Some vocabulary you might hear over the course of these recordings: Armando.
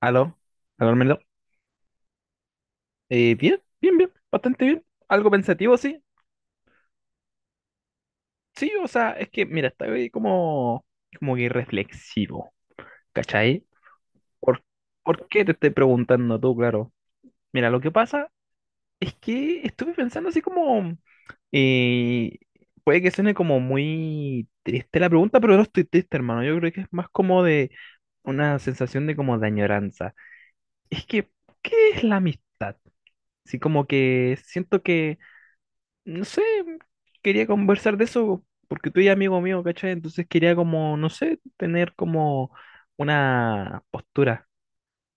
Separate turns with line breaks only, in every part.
Aló, aló, Armando. Bien, bien, bien, bastante bien. Algo pensativo, sí. Sí, o sea, es que, mira, estoy como, como que reflexivo, ¿cachai? ¿Por, por qué te estoy preguntando tú, claro? Mira, lo que pasa es que estuve pensando así como, eh, puede que suene como muy triste la pregunta, pero no estoy triste, hermano. Yo creo que es más como de una sensación de como de añoranza. Es que, ¿qué es la amistad? Sí, como que siento que no sé, quería conversar de eso porque tú eres amigo mío, ¿cachai? Entonces quería como, no sé, tener como una postura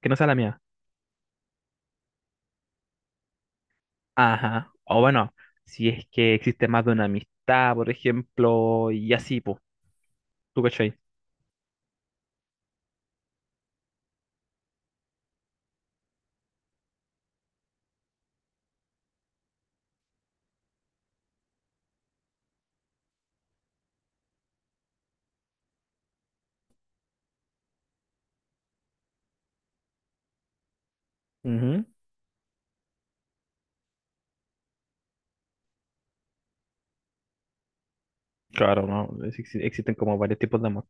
que no sea la mía. Ajá. O bueno, si es que existe más de una amistad, por ejemplo, y así, pues, ¿tú cachai? Ujú. Claro, no, existen como varios tipos de amor.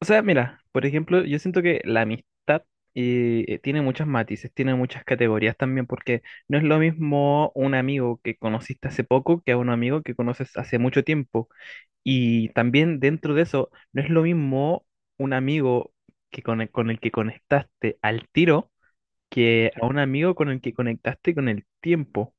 O sea, mira, por ejemplo, yo siento que la amistad tiene muchos matices, tiene muchas categorías también, porque no es lo mismo un amigo que conociste hace poco que a un amigo que conoces hace mucho tiempo. Y también dentro de eso, no es lo mismo un amigo que con el que conectaste al tiro que a un amigo con el que conectaste con el tiempo,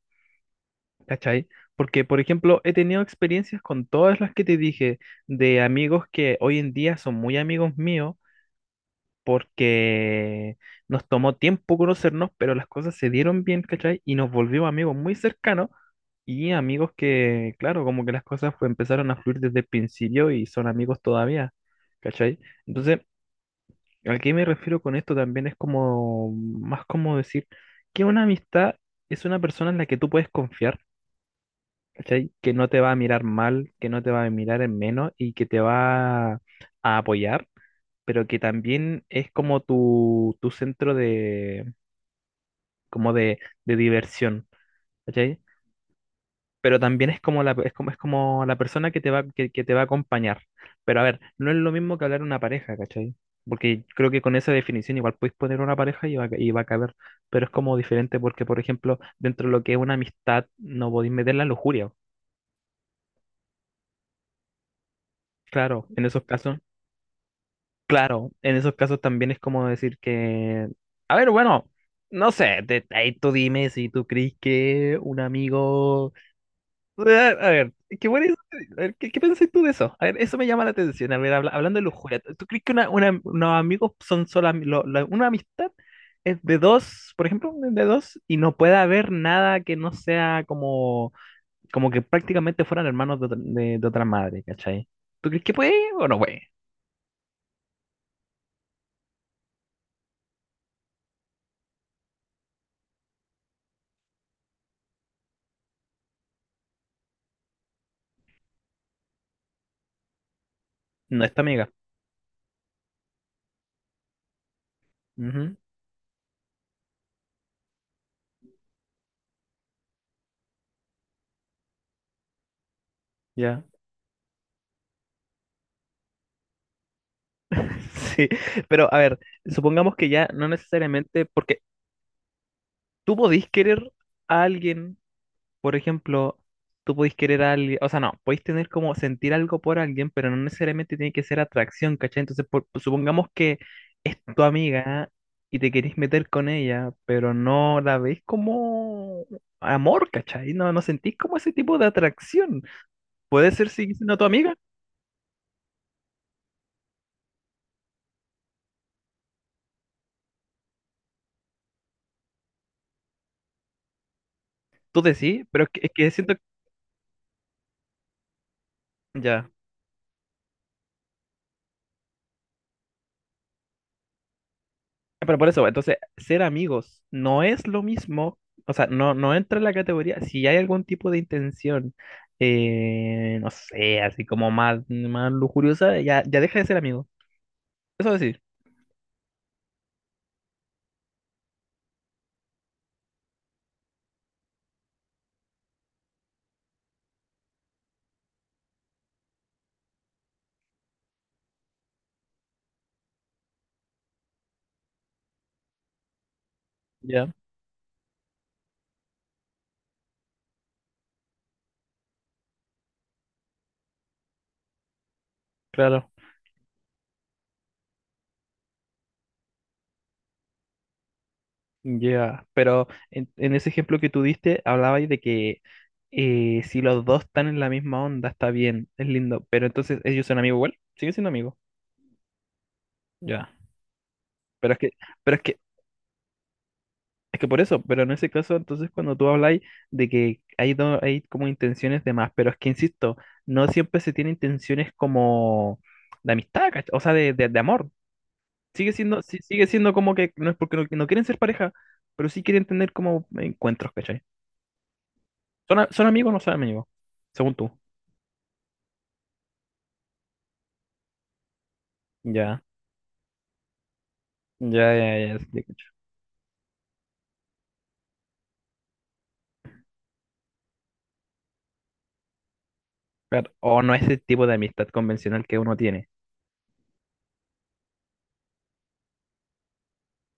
¿cachai? Porque, por ejemplo, he tenido experiencias con todas las que te dije, de amigos que hoy en día son muy amigos míos porque nos tomó tiempo conocernos, pero las cosas se dieron bien, ¿cachai? Y nos volvimos amigos muy cercanos y amigos que, claro, como que las cosas empezaron a fluir desde el principio y son amigos todavía, ¿cachai? Entonces, ¿a qué me refiero con esto? También es como, más como decir que una amistad es una persona en la que tú puedes confiar. ¿Cachai? Que no te va a mirar mal, que no te va a mirar en menos y que te va a apoyar, pero que también es como tu centro de, como de diversión, ¿cachai? Pero también es como la persona que te va, que te va a acompañar. Pero a ver, no es lo mismo que hablar una pareja, ¿cachai? Porque creo que con esa definición igual puedes poner una pareja y va, y va a caber, pero es como diferente porque, por ejemplo, dentro de lo que es una amistad no podéis meter la lujuria. Claro, en esos casos. Claro, en esos casos también es como decir que, a ver, bueno, no sé, ahí tú dime si tú crees que un amigo... A a ver, ¿qué, bueno, a ver, ¿qué, qué piensas tú de eso? A ver, eso me llama la atención. A ver, hablando de lujuria, ¿tú crees que unos amigos son solo... una amistad es de dos, por ejemplo, de dos, y no puede haber nada que no sea como, como que prácticamente fueran hermanos de, de otra madre, ¿cachai? ¿Tú crees que puede o no puede? No es tu amiga. Ujú, ya. Sí, pero a ver, supongamos que ya no necesariamente, porque tú podís querer a alguien, por ejemplo, tú podís querer a alguien, o sea, no, podéis tener como sentir algo por alguien, pero no necesariamente tiene que ser atracción, ¿cachai? Entonces, supongamos que es tu amiga y te querés meter con ella, pero no la veis como amor, ¿cachai? No, no sentís como ese tipo de atracción. Puede ser si siendo tu amiga, tú decís, pero es que siento, ya. Pero por eso, entonces, ser amigos no es lo mismo, o sea, no, no entra en la categoría, si hay algún tipo de intención, no sé, así como más, más lujuriosa, ya, ya deja de ser amigo. Eso sí, ya, claro, ya. Pero en ese ejemplo que tú diste, hablabais de que si los dos están en la misma onda, está bien, es lindo, pero entonces ellos son amigos igual, siguen siendo amigos, ya. Pero es que, pero es que es que por eso, pero en ese caso, entonces cuando tú habláis de que hay, hay como intenciones de más, pero es que insisto, no siempre se tienen intenciones como de amistad, ¿cach- O sea, de, de amor. Sigue siendo, sí, sigue siendo como que no es porque no, no quieren ser pareja, pero sí quieren tener como encuentros, ¿cachai? ¿Son, son amigos o no son amigos? Según tú. Ya, ya, ya, ya, sí, te cacho. Claro, o no es el tipo de amistad convencional que uno tiene.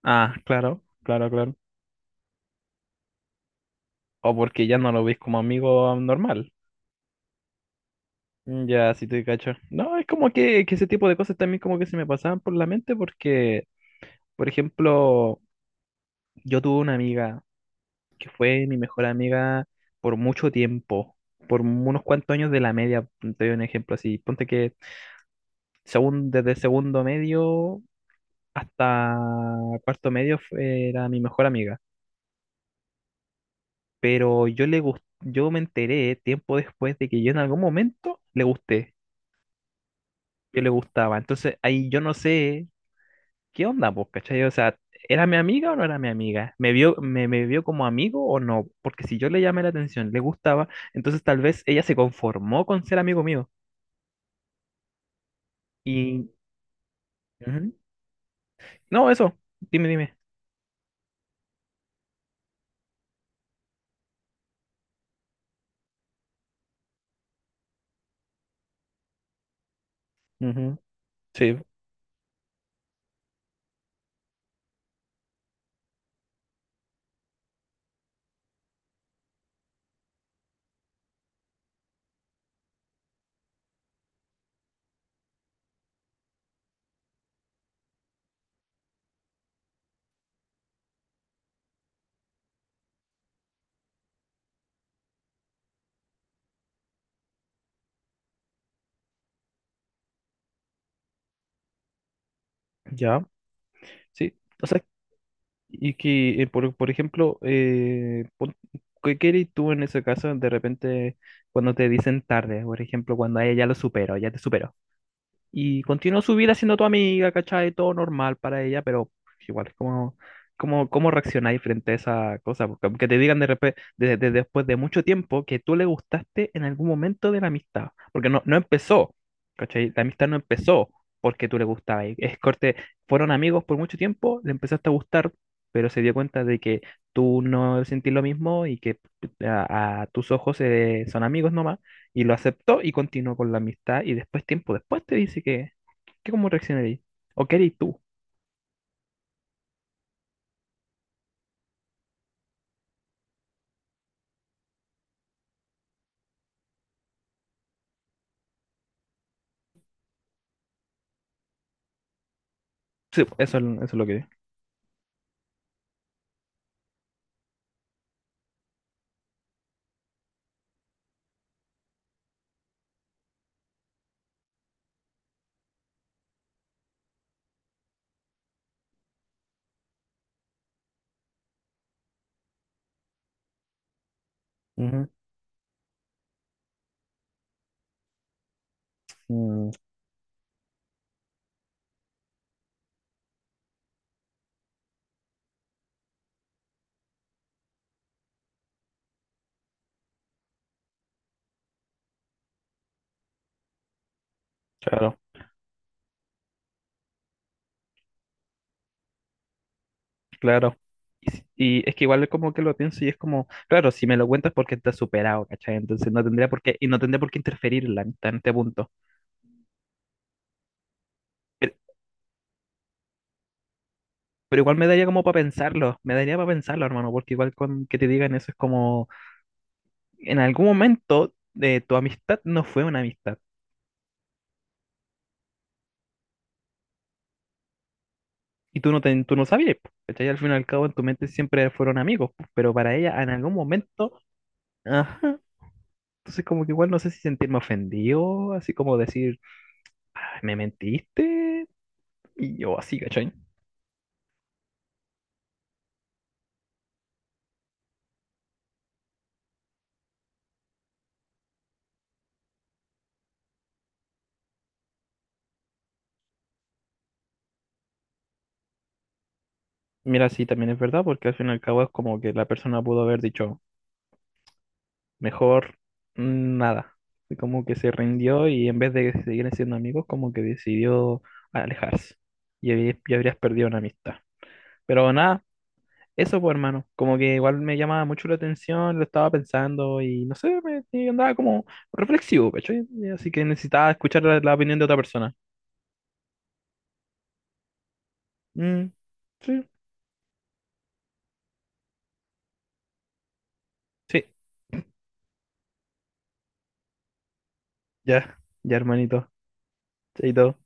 Ah, claro, claro, claro. O porque ya no lo ves como amigo normal. Mm, ya, sí te cacho. No, es como que ese tipo de cosas también como que se me pasaban por la mente porque, por ejemplo, yo tuve una amiga que fue mi mejor amiga por mucho tiempo, por unos cuantos años de la media, mm, te doy un ejemplo así, ponte que según, desde segundo medio hasta cuarto medio era mi mejor amiga, pero yo yo me enteré tiempo después de que yo en algún momento le gusté, yo le gustaba, entonces ahí yo no sé ¿qué onda, pues, cachai? O sea, ¿era mi amiga o no era mi amiga? ¿Me vio, me vio como amigo o no? Porque si yo le llamé la atención, le gustaba, entonces tal vez ella se conformó con ser amigo mío. Y... ujú. No, eso, dime, dime. Ujú, sí, ya. Sí, o sea, y que, por ejemplo, ¿qué qué harías tú en ese caso de repente cuando te dicen tarde? Por ejemplo, cuando a ella ya lo supero, ya te superó. Y continuó su vida siendo tu amiga, ¿cachai? Todo normal para ella, pero igual es como, como, cómo reaccionáis frente a esa cosa, porque aunque te digan de repente, después de mucho tiempo, que tú le gustaste en algún momento de la amistad, porque no, no empezó, ¿cachai? La amistad no empezó porque tú le gustabas. Es corte, fueron amigos por mucho tiempo, le empezaste a gustar, pero se dio cuenta de que tú no sentís lo mismo y que a tus ojos son amigos nomás y lo aceptó y continuó con la amistad. Y después, tiempo después, te dice que cómo reaccionarías. O qué harías tú. Sí, pues, eso, eso es lo que... Ujú. Mm, claro, claro. Y, y es que igual como que lo pienso y es como, claro, si me lo cuentas porque está superado, ¿cachai? Entonces no tendría por qué, y no tendría por qué interferir en la amistad en este punto. Pero, pero igual me daría como para pensarlo, me daría para pensarlo, hermano, porque igual con que te digan eso es como, en algún momento de tu amistad no fue una amistad. Y tú no, tú no sabías, po, ¿cachai? Al fin y al cabo en tu mente siempre fueron amigos, po, pero para ella en algún momento, ajá. Entonces como que igual no sé si sentirme ofendido, así como decir, "Ay, me mentiste, y yo así, ¿cachai? Mira, sí, también es verdad, porque al fin y al cabo es como que la persona pudo haber dicho, mejor mm, nada. Y como que se rindió y en vez de seguir siendo amigos, como que decidió alejarse. Y, y habrías perdido una amistad. Pero nada. Eso, pues, hermano, como que igual me llamaba mucho la atención, lo estaba pensando y no sé, me, y andaba como reflexivo, ¿cachai? Y así que necesitaba escuchar la opinión de otra persona. Mm, sí, sí, ya, ya, hermanito. Chaito.